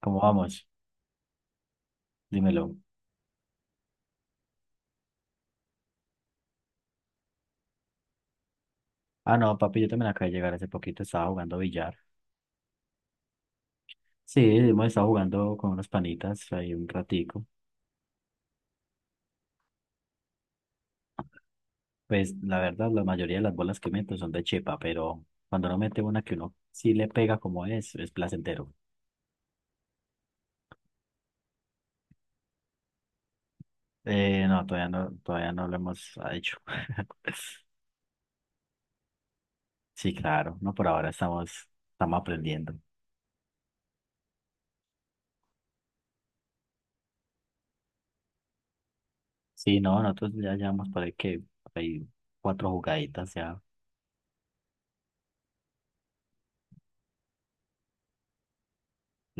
¿Cómo vamos? Dímelo. Ah, no, papi, yo también acabo de llegar hace poquito, estaba jugando billar. Sí, hemos estado jugando con unos panitas ahí un ratico. Pues la verdad, la mayoría de las bolas que meto son de chepa, pero cuando uno mete una que uno sí le pega como es placentero. No, todavía no, todavía no lo hemos hecho. Sí, claro, no, por ahora estamos, estamos aprendiendo. Sí, no, nosotros ya llevamos por ahí que hay cuatro jugaditas ya.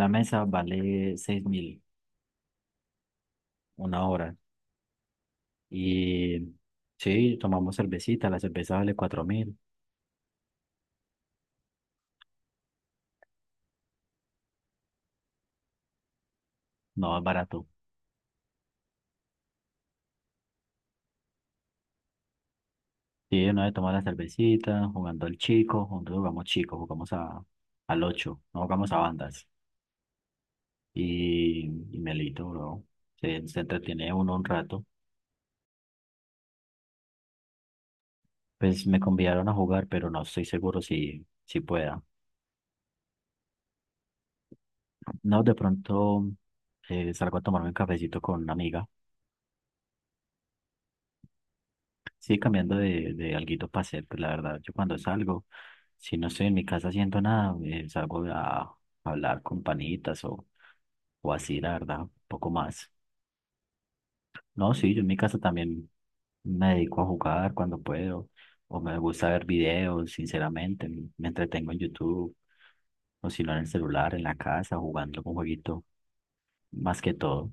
La mesa vale seis mil una hora. Y sí, tomamos cervecita, la cerveza vale cuatro mil, no es barato. Sí, una vez tomamos la cervecita, jugando al chico, juntos jugamos chico, jugamos a, al ocho, no jugamos a bandas. Y, y Melito, bro, se entretiene uno un rato. Pues me convidaron a jugar, pero no estoy seguro si pueda. No, de pronto salgo a tomarme un cafecito con una amiga. Sí, cambiando de alguito para hacer, pues la verdad, yo cuando salgo, si no estoy en mi casa haciendo nada, salgo a hablar con panitas o así, la verdad, un poco más. No, sí, yo en mi casa también me dedico a jugar cuando puedo, o me gusta ver videos, sinceramente, me entretengo en YouTube, o si no en el celular, en la casa, jugando un jueguito, más que todo.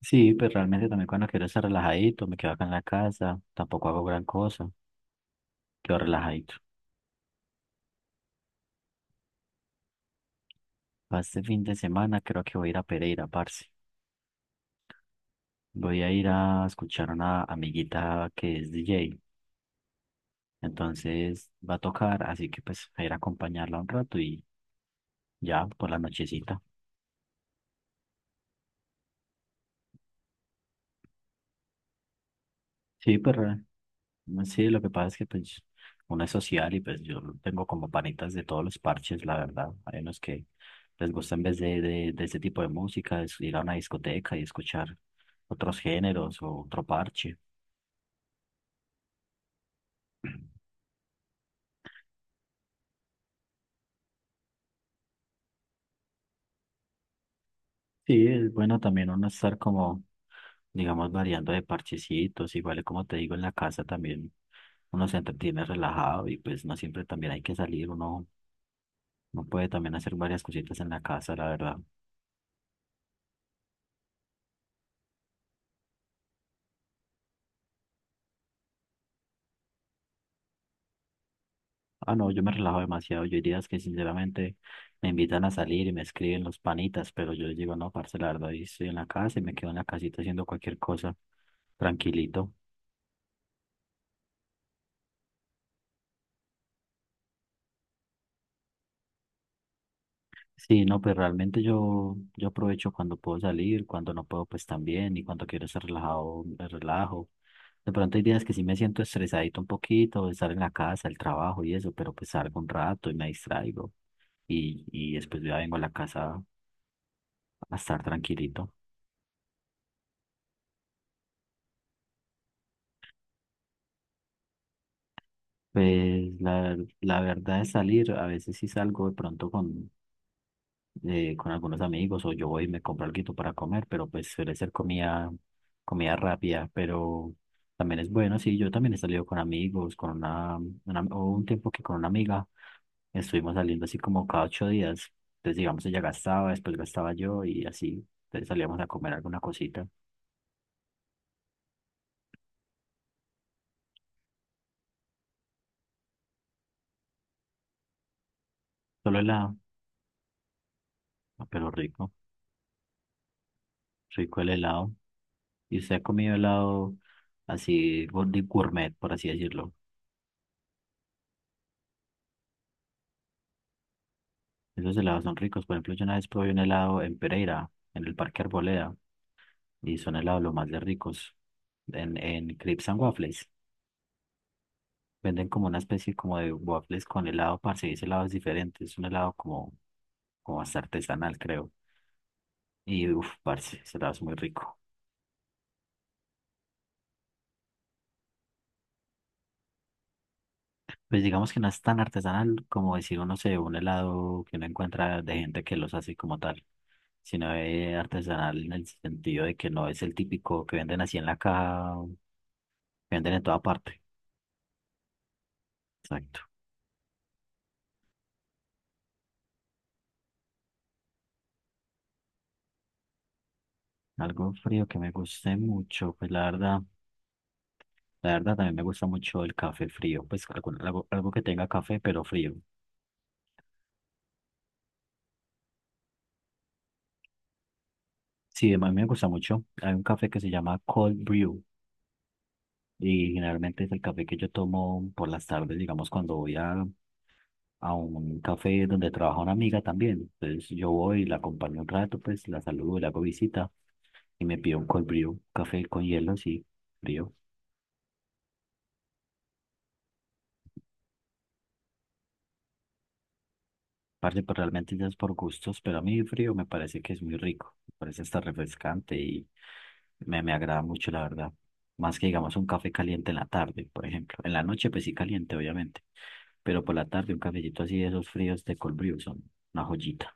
Sí, pero realmente también cuando quiero estar relajadito, me quedo acá en la casa, tampoco hago gran cosa, quedo relajadito. Para este fin de semana creo que voy a ir a Pereira, parce. Voy a ir a escuchar a una amiguita que es DJ. Entonces va a tocar, así que pues a ir a acompañarla un rato y ya por la nochecita. Sí, pero sí, lo que pasa es que pues uno es social y pues yo tengo como panitas de todos los parches, la verdad. Hay unos que les gusta en vez de este tipo de música, es ir a una discoteca y escuchar otros géneros o otro parche. Sí, es bueno también uno estar como, digamos, variando de parchecitos, igual como te digo en la casa también uno se entretiene relajado y pues no siempre también hay que salir, uno, no puede también hacer varias cositas en la casa, la verdad. Ah, no, yo me relajo demasiado, yo hay días que sinceramente me invitan a salir y me escriben los panitas, pero yo les digo, no, parce, la verdad, hoy estoy en la casa y me quedo en la casita haciendo cualquier cosa, tranquilito. Sí, no, pues realmente yo aprovecho cuando puedo salir, cuando no puedo, pues también, y cuando quiero estar relajado, me relajo. De pronto hay días que sí me siento estresadito un poquito, de estar en la casa, el trabajo y eso, pero pues salgo un rato y me distraigo, y después ya vengo a la casa a estar tranquilito. Pues la verdad es salir, a veces sí salgo de pronto con algunos amigos o yo voy y me compro algo para comer, pero pues suele ser comida, comida rápida, pero también es bueno, sí, yo también he salido con amigos, con una- hubo un tiempo que con una amiga estuvimos saliendo así como cada ocho días, entonces digamos ella gastaba, después gastaba yo y así, entonces salíamos a comer alguna cosita, solo helado, ah, pero rico, rico el helado, y usted ha comido helado así, gour- de gourmet, por así decirlo. Esos helados son ricos. Por ejemplo, yo una vez probé un helado en Pereira, en el Parque Arboleda, y son helados los más de ricos. En Crepes and Waffles. Venden como una especie como de waffles con helado, parce, y ese helado es diferente. Es un helado como, como hasta artesanal, creo. Y uff, parce, ese helado es muy rico. Pues digamos que no es tan artesanal como decir, uno se un helado que uno encuentra de gente que los hace como tal, sino es artesanal en el sentido de que no es el típico que venden así en la caja, que venden en toda parte. Exacto. Algo frío que me guste mucho, pues la verdad también me gusta mucho el café frío, pues algo, algo que tenga café pero frío. Sí, a mí me gusta mucho. Hay un café que se llama Cold Brew y generalmente es el café que yo tomo por las tardes, digamos, cuando voy a un café donde trabaja una amiga también. Entonces yo voy y la acompaño un rato, pues la saludo, le hago visita y me pido un Cold Brew, café con hielo, sí, frío. Parce, pues realmente ya es por gustos, pero a mí frío me parece que es muy rico, me parece hasta refrescante. Me agrada mucho, la verdad. Más que digamos un café caliente en la tarde, por ejemplo. En la noche, pues sí caliente, obviamente. Pero por la tarde, un cafecito así de esos fríos de cold brew son una joyita.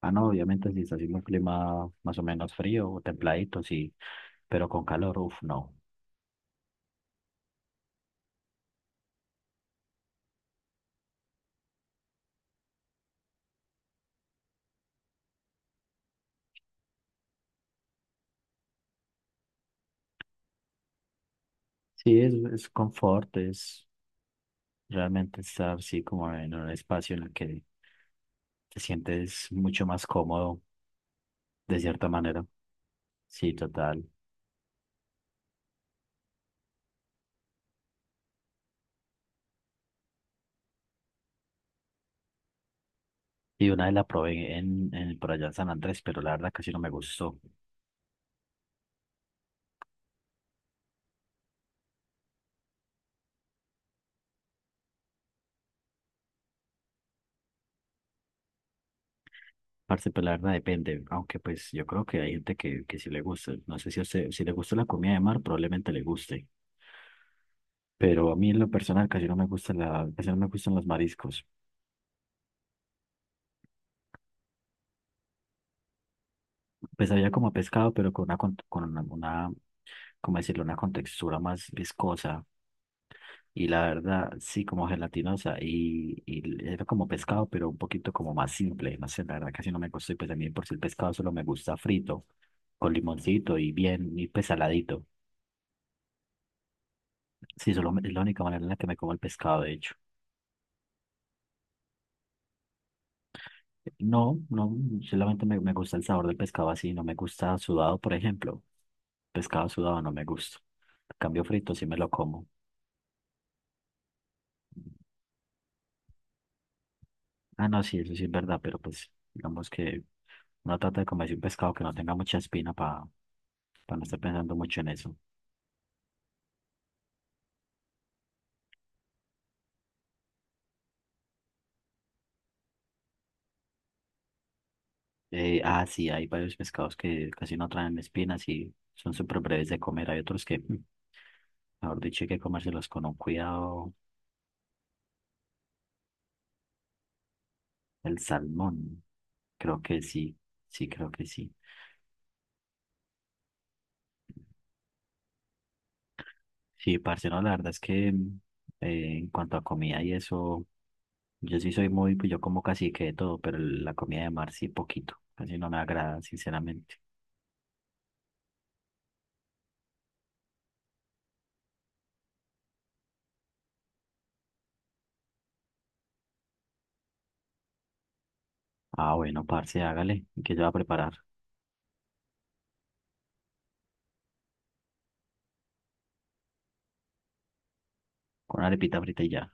Ah, no, obviamente si está haciendo un clima más o menos frío o templadito, sí. Pero con calor, uff, no. Sí, es confort, es realmente estar así como en un espacio en el que te sientes mucho más cómodo, de cierta manera. Sí, total. Y una vez la probé en, por allá en San Andrés, pero la verdad casi no me gustó. Parce, pues la verdad depende, aunque pues yo creo que hay gente que sí le gusta. No sé si a usted, si le gusta la comida de mar, probablemente le guste. Pero a mí en lo personal casi no me gusta la, casi no me gustan los mariscos. Pues había como pescado, pero con una, con una, una, ¿cómo decirlo? Una contextura más viscosa. Y la verdad, sí, como gelatinosa. Y era como pescado, pero un poquito como más simple. No sé, la verdad casi no me gustó. Y pues a mí por si el pescado solo me gusta frito, con limoncito y bien, y pesaladito. Sí, es la única manera en la que me como el pescado, de hecho. No, no, solamente me gusta el sabor del pescado así, no me gusta sudado, por ejemplo. Pescado sudado no me gusta. En cambio frito sí me lo como. Ah, no, sí, eso sí es verdad, pero pues digamos que uno trata de comerse un pescado que no tenga mucha espina para no estar pensando mucho en eso. Sí, hay varios pescados que casi no traen espinas y son súper breves de comer. Hay otros que, mejor dicho, hay que comérselos con un cuidado. El salmón. Creo que sí. Sí, creo que sí. Sí, parce, no, la verdad es que en cuanto a comida y eso, yo sí soy muy, pues yo como casi que de todo, pero la comida de mar sí poquito. Casi no me agrada, sinceramente. Ah, bueno, parce, hágale. ¿Qué yo voy a preparar? Con una arepita frita y ya.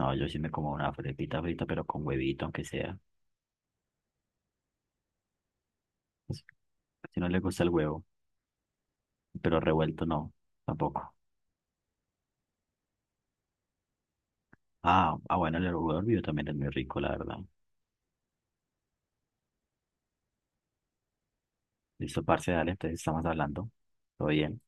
No, yo sí me como una arepita frita, pero con huevito, aunque sea. Pues, si no le gusta el huevo, pero revuelto no, tampoco. Ah, ah bueno, el huevo hervido también es muy rico, la verdad. Listo, parce, dale, entonces estamos hablando. Todo bien.